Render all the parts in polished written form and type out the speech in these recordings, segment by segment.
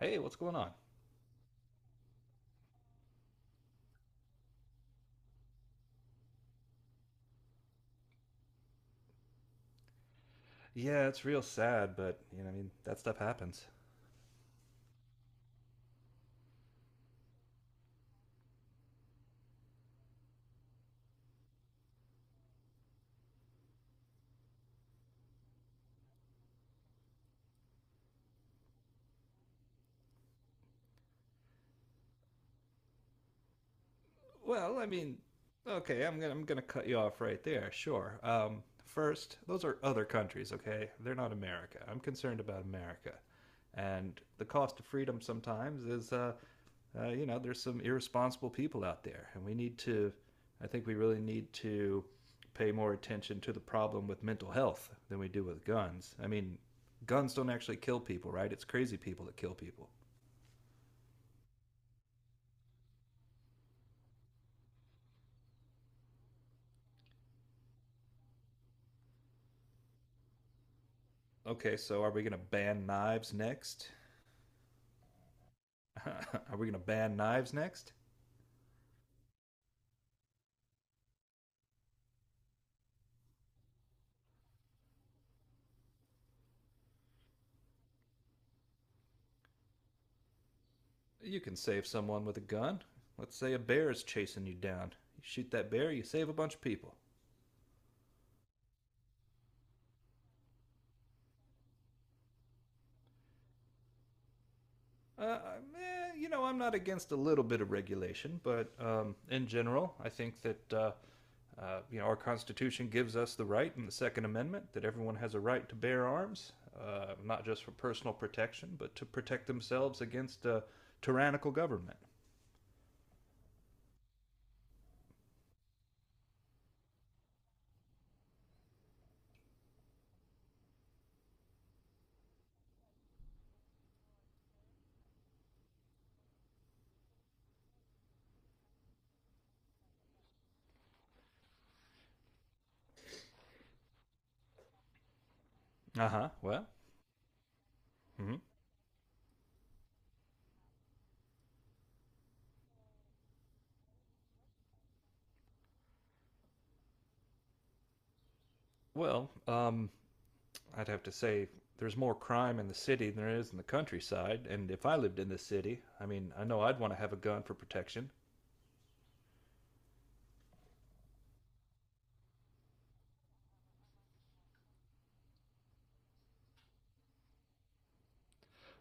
Hey, what's going on? Yeah, it's real sad, but you know, I mean, that stuff happens. Well, I mean, okay, I'm gonna cut you off right there. Sure. First, those are other countries. Okay, they're not America. I'm concerned about America, and the cost of freedom sometimes is, you know, there's some irresponsible people out there, and we need to. I think we really need to pay more attention to the problem with mental health than we do with guns. I mean, guns don't actually kill people, right? It's crazy people that kill people. Okay, so are we going to ban knives next? Are we going to ban knives next? You can save someone with a gun. Let's say a bear is chasing you down. You shoot that bear, you save a bunch of people. Uh, you know, I'm not against a little bit of regulation, but in general, I think that you know our Constitution gives us the right in the Second Amendment that everyone has a right to bear arms, not just for personal protection, but to protect themselves against a tyrannical government. Uh huh. Well, mhm. Well, I'd have to say there's more crime in the city than there is in the countryside, and if I lived in the city, I mean, I know I'd want to have a gun for protection.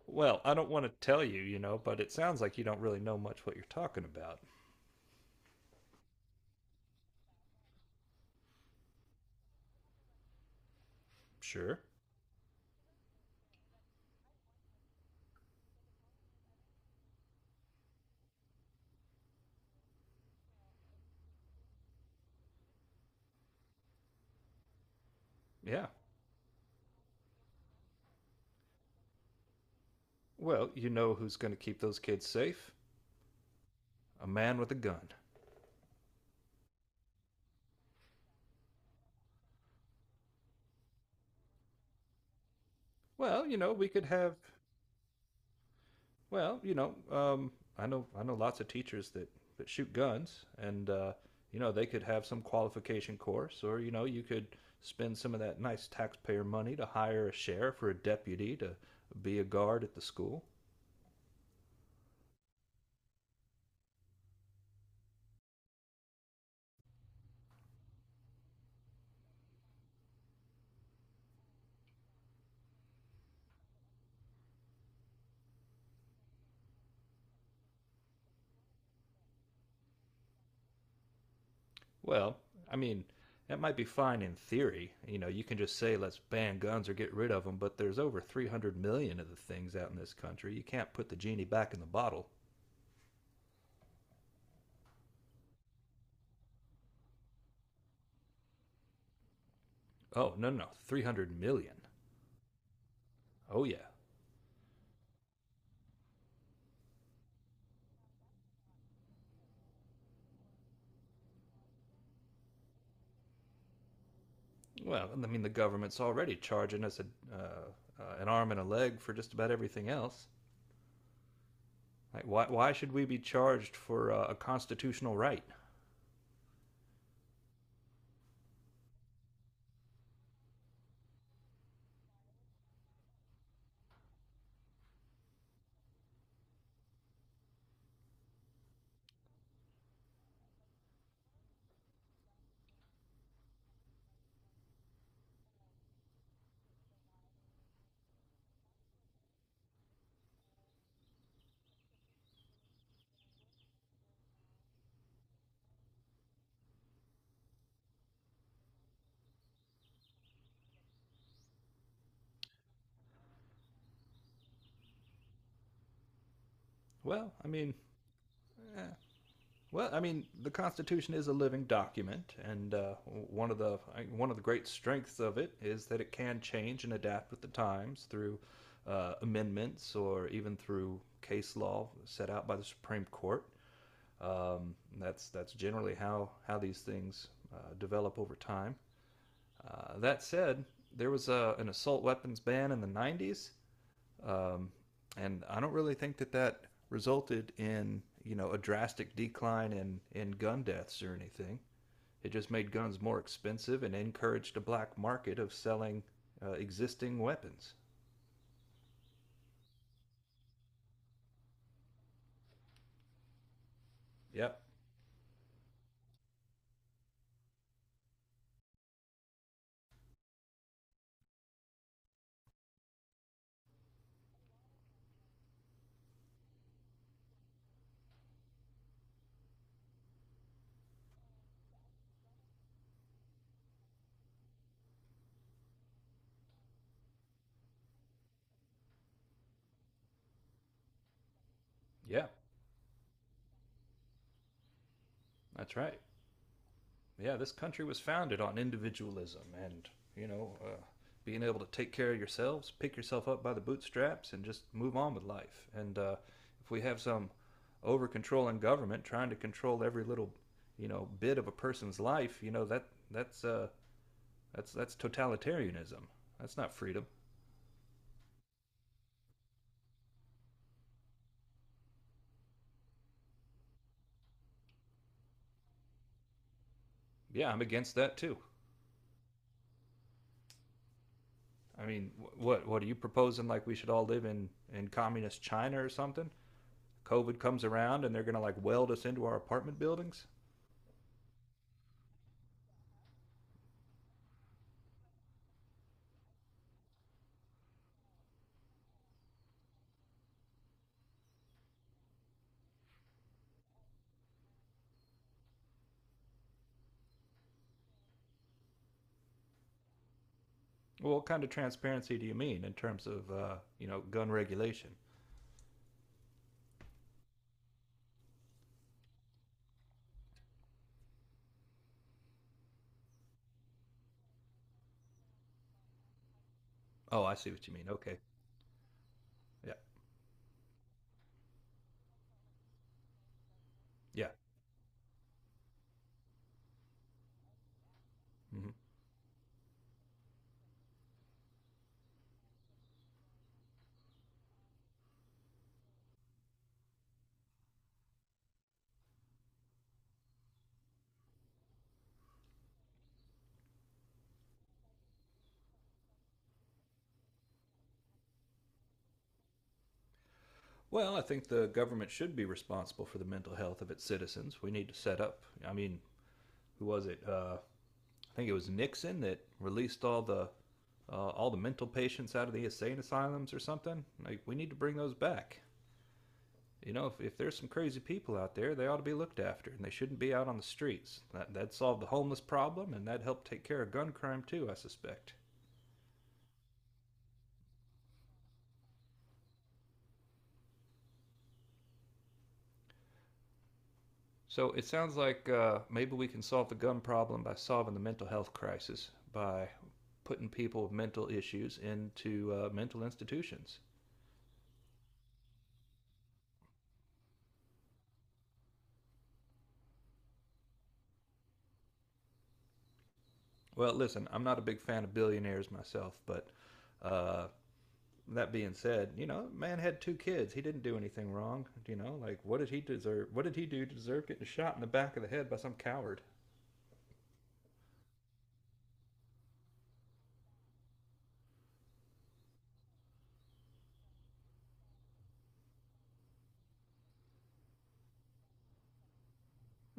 Well, I don't want to tell you, you know, but it sounds like you don't really know much what you're talking about. Sure. Yeah. Well, you know who's going to keep those kids safe? A man with a gun. Well, you know, we could have. Well, you know, I know lots of teachers that shoot guns, and you know they could have some qualification course, or you know you could spend some of that nice taxpayer money to hire a sheriff or a deputy to be a guard at the school. Well, I mean, that might be fine in theory. You know, you can just say let's ban guns or get rid of them, but there's over 300 million of the things out in this country. You can't put the genie back in the bottle. Oh, no, no, 300 million. Oh yeah. Well, I mean, the government's already charging us a, an arm and a leg for just about everything else. Like, why should we be charged for a constitutional right? Well, I mean, eh, well, I mean, the Constitution is a living document, and one of the great strengths of it is that it can change and adapt with the times through amendments or even through case law set out by the Supreme Court. That's generally how these things develop over time. That said, there was a, an assault weapons ban in the 90s, um, and I don't really think that resulted in you know a drastic decline in gun deaths or anything. It just made guns more expensive and encouraged a black market of selling existing weapons. Yep. Yeah, that's right. Yeah, this country was founded on individualism and, you know, being able to take care of yourselves, pick yourself up by the bootstraps, and just move on with life. And if we have some over controlling government trying to control every little, you know, bit of a person's life, you know, that that's uh, that's totalitarianism. That's not freedom. Yeah, I'm against that too. I mean, what are you proposing? Like we should all live in communist China or something? COVID comes around and they're gonna like weld us into our apartment buildings? Well, what kind of transparency do you mean in terms of, you know, gun regulation? Oh, I see what you mean. Okay. Yeah. Yeah. Hmm. Well, I think the government should be responsible for the mental health of its citizens. We need to set up. I mean, who was it? I think it was Nixon that released all the mental patients out of the insane asylums or something. Like, we need to bring those back. You know, if there's some crazy people out there, they ought to be looked after, and they shouldn't be out on the streets. That'd solve the homeless problem, and that'd help take care of gun crime, too, I suspect. So it sounds like maybe we can solve the gun problem by solving the mental health crisis by putting people with mental issues into mental institutions. Well, listen, I'm not a big fan of billionaires myself, but uh, that being said, you know, man had two kids. He didn't do anything wrong. You know, like what did he deserve? What did he do to deserve getting shot in the back of the head by some coward?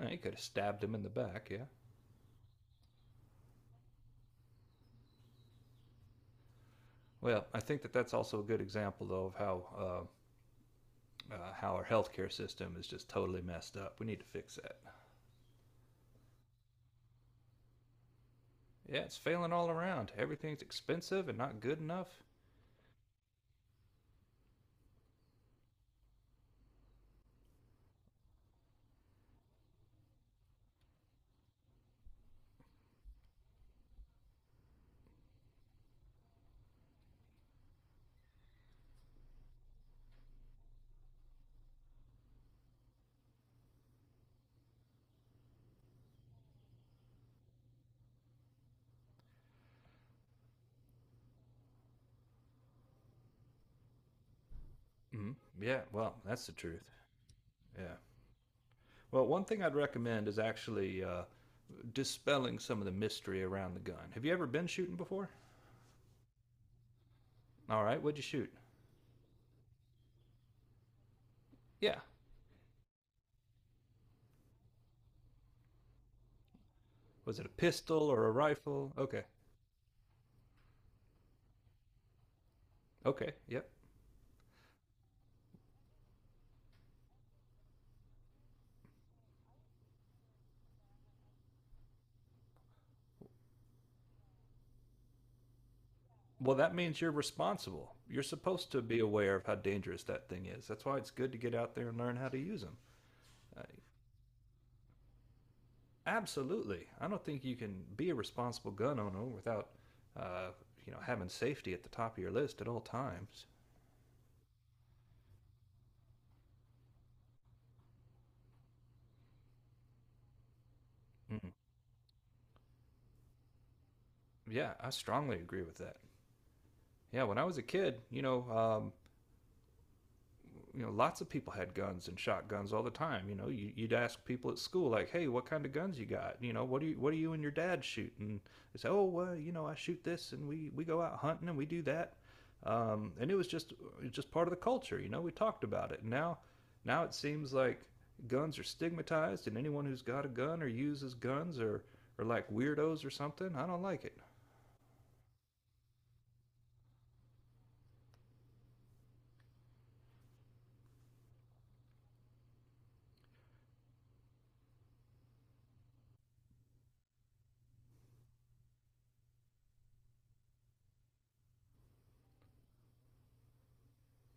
Eh, he could have stabbed him in the back. Yeah. Well, I think that that's also a good example, though, of how our healthcare system is just totally messed up. We need to fix that. Yeah, it's failing all around. Everything's expensive and not good enough. Mm. Yeah, well, that's the truth. Yeah. Well, one thing I'd recommend is actually dispelling some of the mystery around the gun. Have you ever been shooting before? All right, what'd you shoot? Yeah. Was it a pistol or a rifle? Okay. Okay. Yep. Well, that means you're responsible. You're supposed to be aware of how dangerous that thing is. That's why it's good to get out there and learn how to use them. Uh, Absolutely. I don't think you can be a responsible gun owner without, uh, you know, having safety at the top of your list at all times. Mm. Yeah, I strongly agree with that. Yeah, when I was a kid, you know, lots of people had guns and shotguns all the time. You know, you would ask people at school, like, "Hey, what kind of guns you got? You know, what do you and your dad shoot?" And they say, "Oh, well, you know, I shoot this, and we go out hunting and we do that." And it was just part of the culture. You know, we talked about it. Now it seems like guns are stigmatized, and anyone who's got a gun or uses guns or like weirdos or something, I don't like it.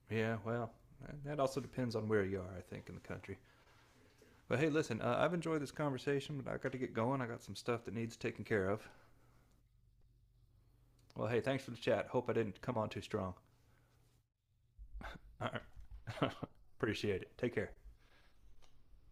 Yeah, well, that also depends on where you are, I think, in the country. But hey, listen, I've enjoyed this conversation, but I got to get going. I got some stuff that needs taken care of. Well, hey, thanks for the chat. Hope I didn't come on too strong. Appreciate it. Take care.